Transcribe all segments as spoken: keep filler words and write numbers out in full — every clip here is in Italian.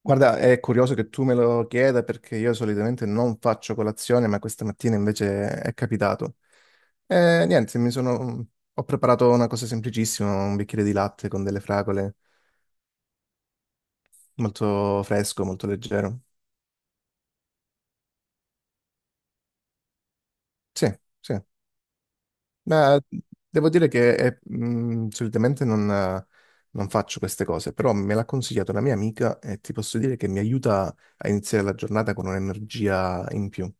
Guarda, è curioso che tu me lo chieda perché io solitamente non faccio colazione, ma questa mattina invece è capitato. E niente, mi sono... ho preparato una cosa semplicissima, un bicchiere di latte con delle fragole, molto fresco, molto leggero. Sì, sì. Ma devo dire che è- mh, solitamente non, eh, non faccio queste cose, però me l'ha consigliato una mia amica e ti posso dire che mi aiuta a iniziare la giornata con un'energia in più.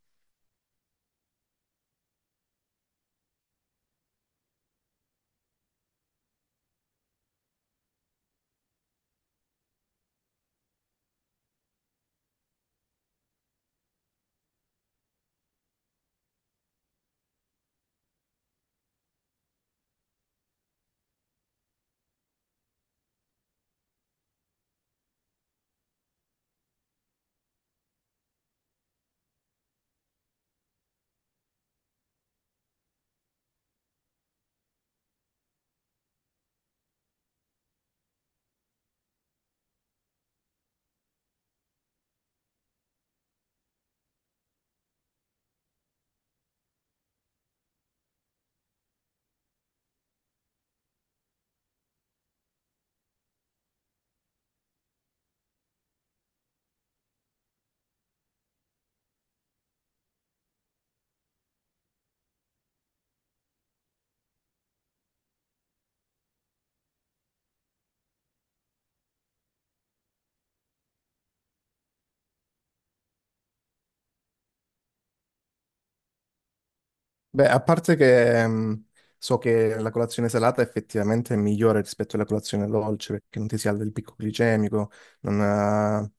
Beh, a parte che mh, so che la colazione salata effettivamente è migliore rispetto alla colazione dolce perché non ti si alza il picco glicemico, non ha-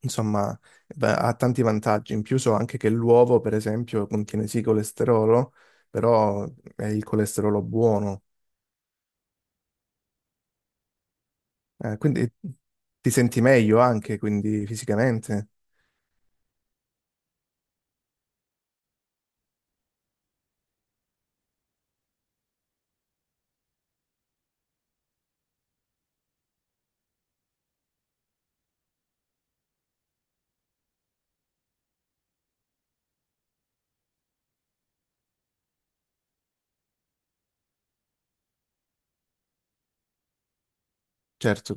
insomma, va- ha tanti vantaggi. In più so anche che l'uovo, per esempio, contiene sì colesterolo, però è il colesterolo buono. Eh, quindi ti senti meglio anche, quindi fisicamente. Certo,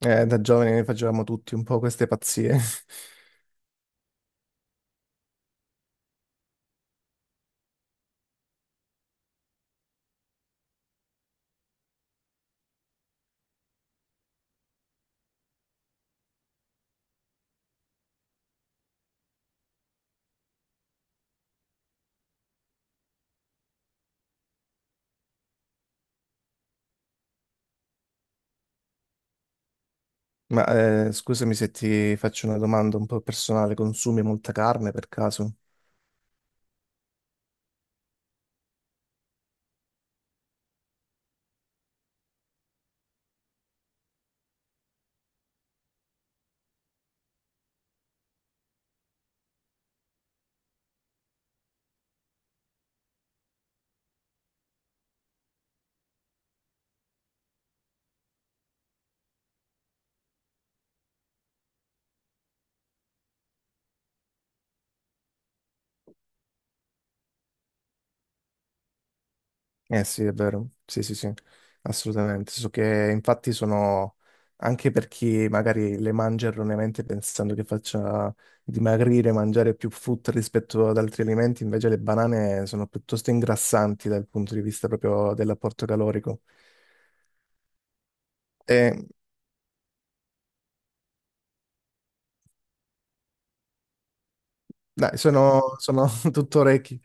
eh, da giovani ne facevamo tutti un po' queste pazzie. Ma eh, scusami se ti faccio una domanda un po' personale, consumi molta carne per caso? Eh sì, è vero, sì sì sì, assolutamente. So che infatti sono, anche per chi magari le mangia erroneamente pensando che faccia dimagrire, mangiare più frutta rispetto ad altri alimenti, invece le banane sono piuttosto ingrassanti dal punto di vista proprio dell'apporto calorico. E, dai, sono, sono tutto orecchi,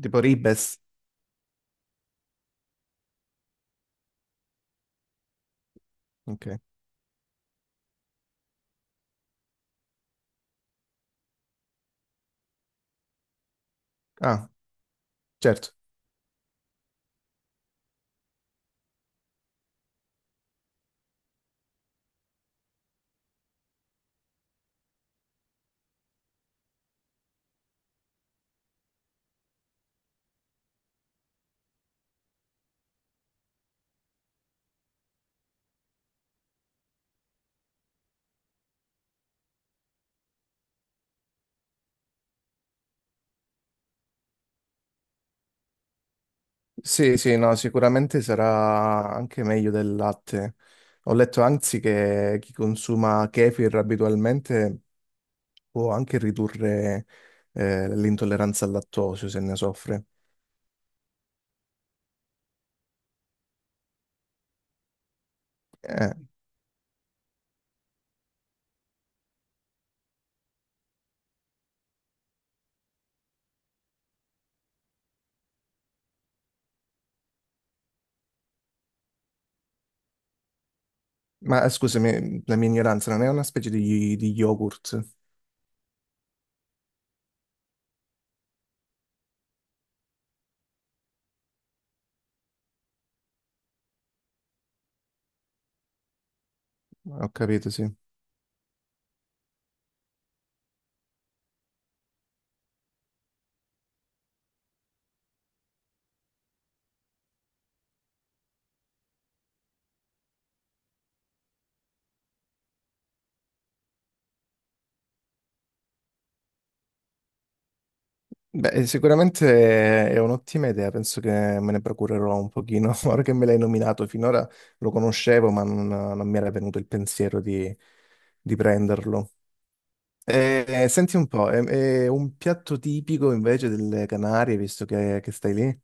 tipo ribes. Ok. Ah, certo. Sì, sì, no, sicuramente sarà anche meglio del latte. Ho letto anzi che chi consuma kefir abitualmente può anche ridurre eh, l'intolleranza al lattosio se ne soffre. Eh, ma eh, scusami, la mia ignoranza, non è una specie di, di yogurt? Ho capito, sì. Beh, sicuramente è un'ottima idea, penso che me ne procurerò un pochino. Ora che me l'hai nominato, finora lo conoscevo, ma non, non mi era venuto il pensiero di di prenderlo. Eh, senti un po', è, è un piatto tipico invece delle Canarie, visto che, che stai lì?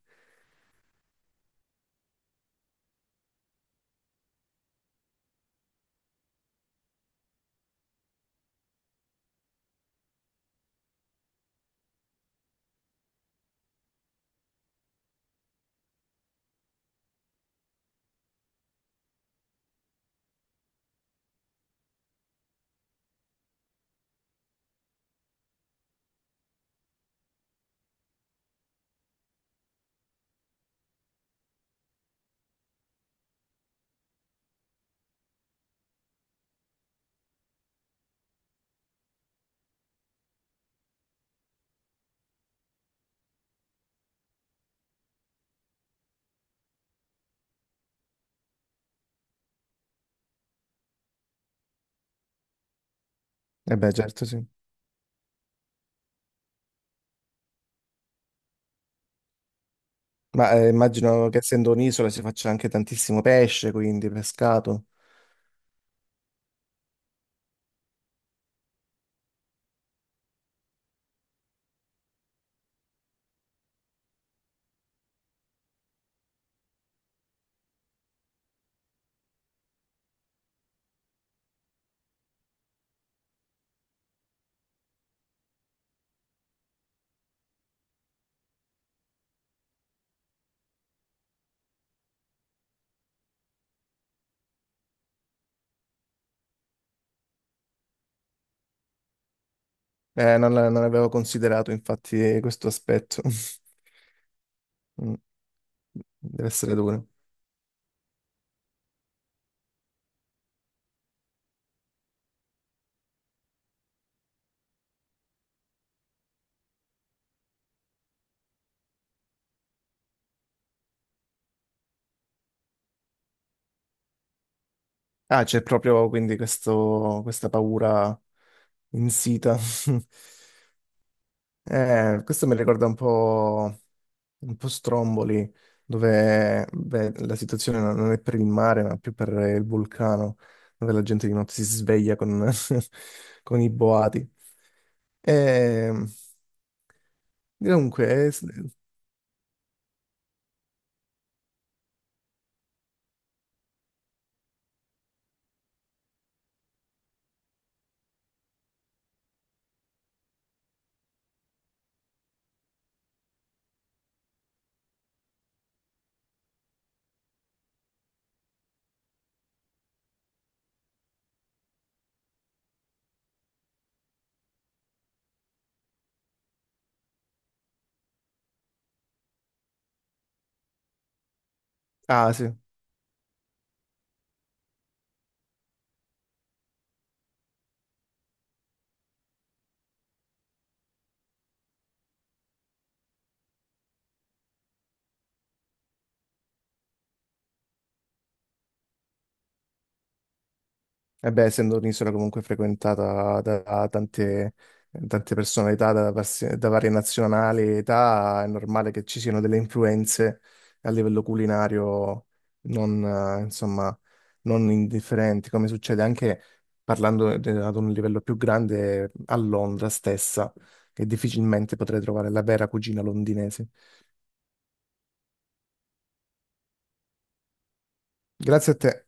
Eh beh, certo, sì. Ma eh, immagino che essendo un'isola si faccia anche tantissimo pesce, quindi pescato. Eh, non, non avevo considerato infatti questo aspetto. Mm, deve essere duro. Ah, c'è proprio quindi questo- questa paura insita. Eh, questo mi ricorda un po', un po' Stromboli, dove beh, la situazione non non è per il mare, ma più per il vulcano, dove la gente di notte si sveglia con, con i boati. E, comunque, eh, s- ah sì. E beh, essendo un'isola comunque frequentata da, da tante, tante personalità da, pers- da varie nazionali e età, è normale che ci siano delle influenze a livello culinario non, eh, insomma, non indifferenti, come succede anche parlando de- ad un livello più grande a Londra stessa, che difficilmente potrei trovare la vera cucina londinese. Grazie a te.